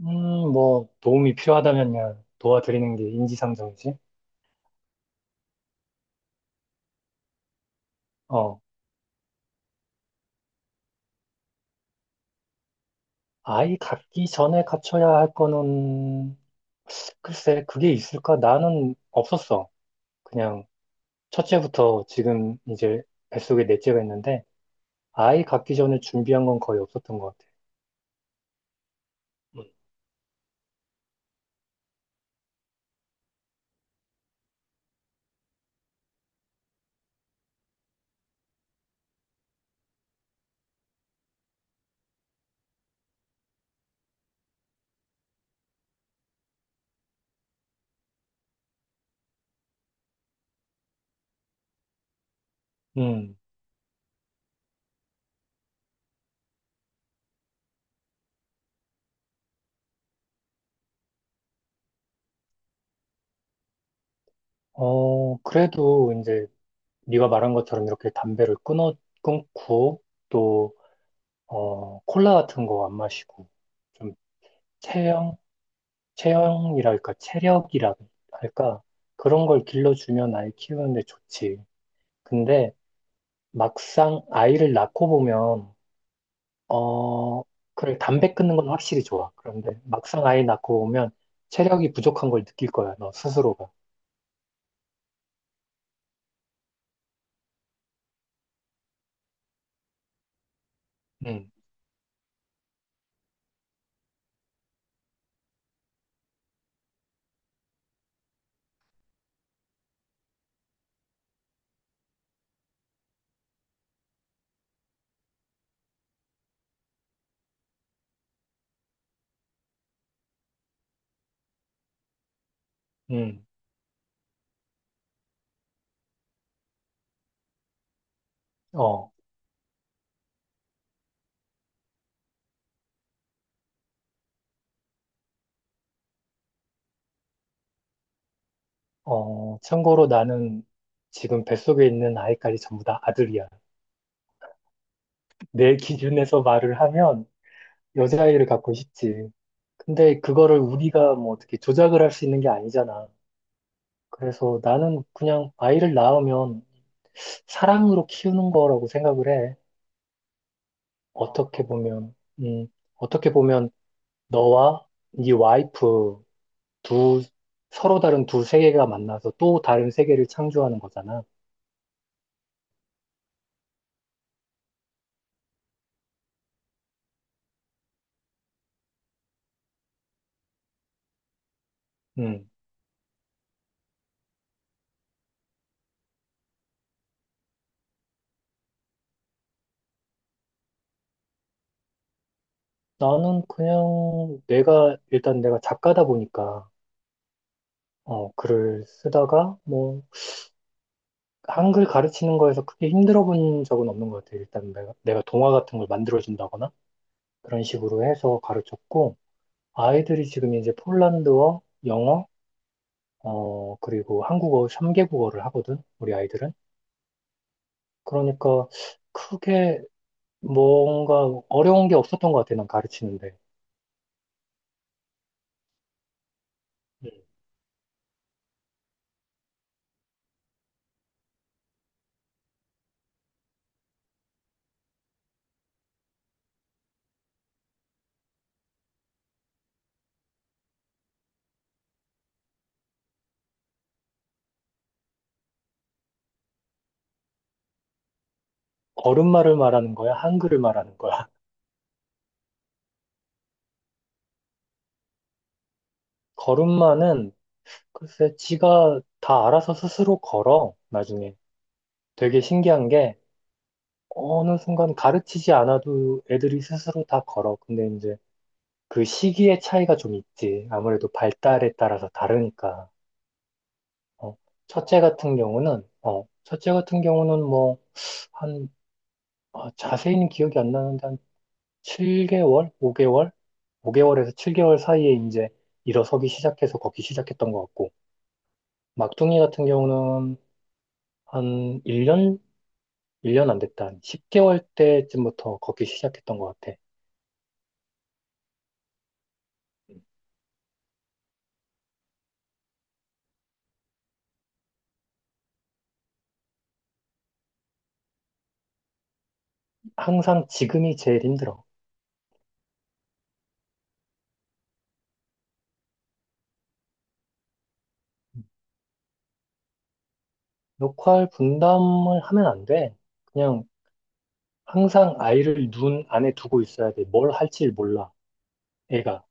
음, 뭐, 도움이 필요하다면야 도와드리는 게 인지상정이지. 어, 아이 갖기 전에 갖춰야 할 거는, 글쎄, 그게 있을까? 나는 없었어. 그냥, 첫째부터 지금 이제 뱃속에 넷째가 있는데, 아이 갖기 전에 준비한 건 거의 없었던 것 같아. 음. 음. 그래도 이제, 네가 말한 것처럼 이렇게 담배를 끊고, 또, 콜라 같은 거 안 마시고, 좀 체형, 체형이랄까, 체력이라 할까, 그런 걸 길러주면 아이 키우는데 좋지. 근데 막상 아이를 낳고 보면, 어, 그래, 담배 끊는 건 확실히 좋아. 그런데 막상 아이 낳고 보면 체력이 부족한 걸 느낄 거야, 너 스스로가. 음. 음. 어, 참고로 나는 지금 뱃속에 있는 아이까지 전부 다 아들이야. 내 기준에서 말을 하면 여자아이를 갖고 싶지. 근데 그거를 우리가 뭐 어떻게 조작을 할 수 있는 게 아니잖아. 그래서 나는 그냥 아이를 낳으면 사랑으로 키우는 거라고 생각을 해. 어떻게 보면, 음, 어떻게 보면 너와 네 와이프 두, 서로 다른 두 세계가 만나서 또 다른 세계를 창조하는 거잖아. 음, 나는 그냥 일단 내가 작가다 보니까, 글을 쓰다가, 뭐, 한글 가르치는 거에서 크게 힘들어 본 적은 없는 것 같아. 일단 내가 동화 같은 걸 만들어준다거나 그런 식으로 해서 가르쳤고, 아이들이 지금 이제 폴란드어, 영어, 그리고 한국어 3개국어를 하거든, 우리 아이들은. 그러니까 크게 뭔가 어려운 게 없었던 것 같아, 난 가르치는데. 음. 걸음마를 말하는 거야? 한글을 말하는 거야? 걸음마는 글쎄 지가 다 알아서 스스로 걸어, 나중에. 되게 신기한 게 어느 순간 가르치지 않아도 애들이 스스로 다 걸어. 근데 이제 그 시기의 차이가 좀 있지. 아무래도 발달에 따라서 다르니까. 어, 첫째 같은 경우는 뭐, 한, 자세히는 기억이 안 나는데, 한 7개월? 5개월? 5개월에서 7개월 사이에 이제 일어서기 시작해서 걷기 시작했던 것 같고, 막둥이 같은 경우는 한 1년? 1년 안 됐다. 한 10개월 때쯤부터 걷기 시작했던 것 같아. 항상 지금이 제일 힘들어. 역할 분담을 하면 안 돼. 그냥 항상 아이를 눈 안에 두고 있어야 돼. 뭘 할지 몰라, 애가.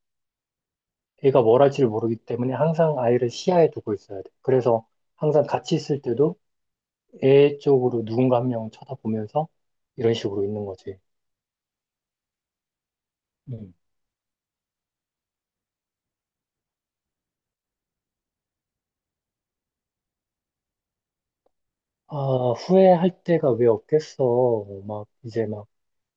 애가 뭘 할지를 모르기 때문에 항상 아이를 시야에 두고 있어야 돼. 그래서 항상 같이 있을 때도 애 쪽으로 누군가 한 명 쳐다보면서 이런 식으로 있는 거지. 음. 아, 후회할 때가 왜 없겠어. 막 이제 막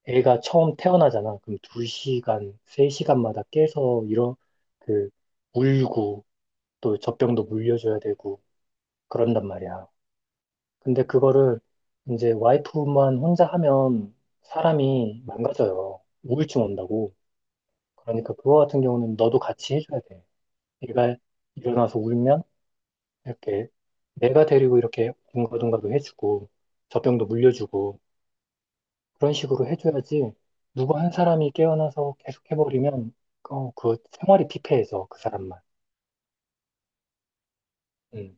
애가 처음 태어나잖아. 그럼 2시간 3시간마다 깨서 이런 그 울고 또 젖병도 물려줘야 되고 그런단 말이야. 근데 그거를 이제 와이프만 혼자 하면 사람이 망가져요. 우울증 온다고. 그러니까 그거 같은 경우는 너도 같이 해줘야 돼. 얘가 일어나서 울면 이렇게 내가 데리고 이렇게 둥가둥가도 해주고 젖병도 물려주고 그런 식으로 해줘야지 누구 한 사람이 깨어나서 계속 해버리면 그 생활이 피폐해서 그 사람만. 음.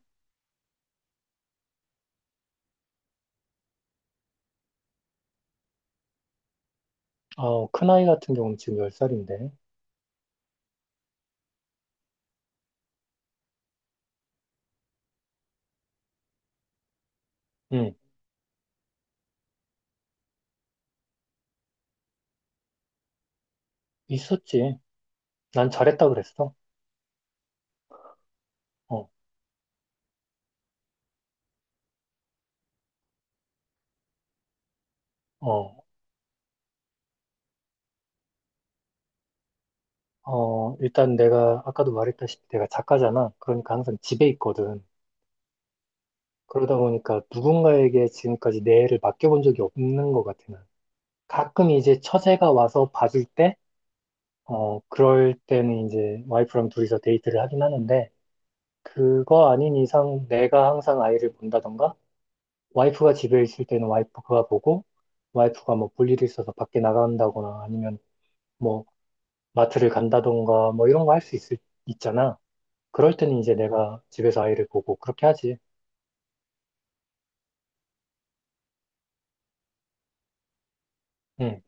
큰아이 같은 경우는 지금 10살인데. 음. 있었지. 난 잘했다 그랬어. 어, 어, 일단 내가 아까도 말했다시피 내가 작가잖아. 그러니까 항상 집에 있거든. 그러다 보니까 누군가에게 지금까지 내 애를 맡겨본 적이 없는 것 같아, 난. 가끔 이제 처제가 와서 봐줄 때, 그럴 때는 이제 와이프랑 둘이서 데이트를 하긴 하는데, 그거 아닌 이상 내가 항상 아이를 본다던가, 와이프가 집에 있을 때는 와이프가 보고, 와이프가 뭐 볼 일이 있어서 밖에 나간다거나 아니면 뭐 마트를 간다던가 뭐 이런 거 있잖아. 그럴 때는 이제 내가 집에서 아이를 보고 그렇게 하지. 응.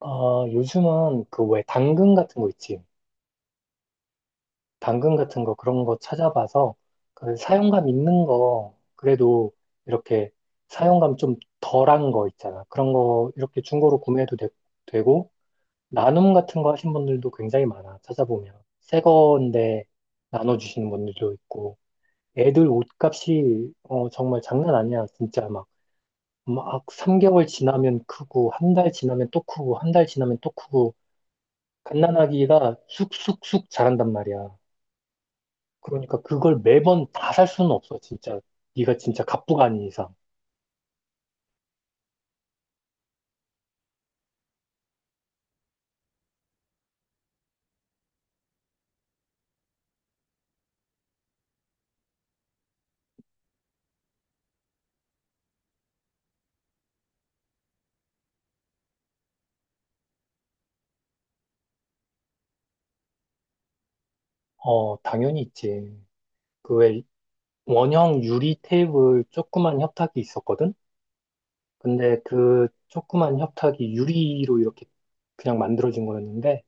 요즘은 그 왜 당근 같은 거 있지. 당근 같은 거 그런 거 찾아봐서 그 사용감 있는 거 그래도 이렇게 사용감 좀 덜한 거 있잖아. 그런 거 이렇게 중고로 구매해도 되, 고 나눔 같은 거 하신 분들도 굉장히 많아. 찾아보면 새 건데 나눠주시는 분들도 있고 애들 옷값이 정말 장난 아니야. 진짜 막 3개월 지나면 크고 한 달 지나면 또 크고 한 달 지나면 또 크고 갓난아기가 쑥쑥쑥 자란단 말이야. 그러니까 그걸 매번 다 살 수는 없어, 진짜. 네가 진짜 갑부가 아닌 이상. 당연히 있지. 그 왜 원형 유리 테이블 조그만 협탁이 있었거든? 근데 그 조그만 협탁이 유리로 이렇게 그냥 만들어진 거였는데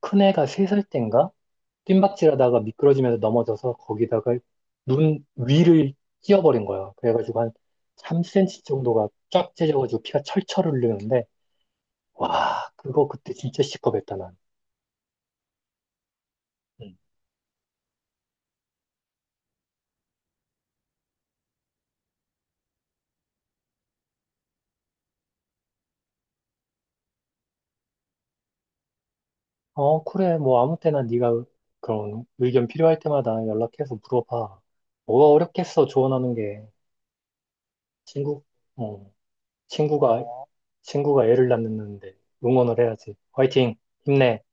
큰 애가 3살 땐가 뜀박질하다가 미끄러지면서 넘어져서 거기다가 눈 위를 찧어버린 거야. 그래가지고 한 3cm 정도가 쫙 찢어가지고 피가 철철 흘리는데 와, 그거 그때 진짜 시겁했다, 난. 음. 그래. 뭐 아무 때나 네가 그런 의견 필요할 때마다 연락해서 물어봐. 뭐가 어렵겠어, 조언하는 게. 친구, 어, 친구가, 친구가 애를 낳는데 응원을 해야지. 화이팅! 힘내!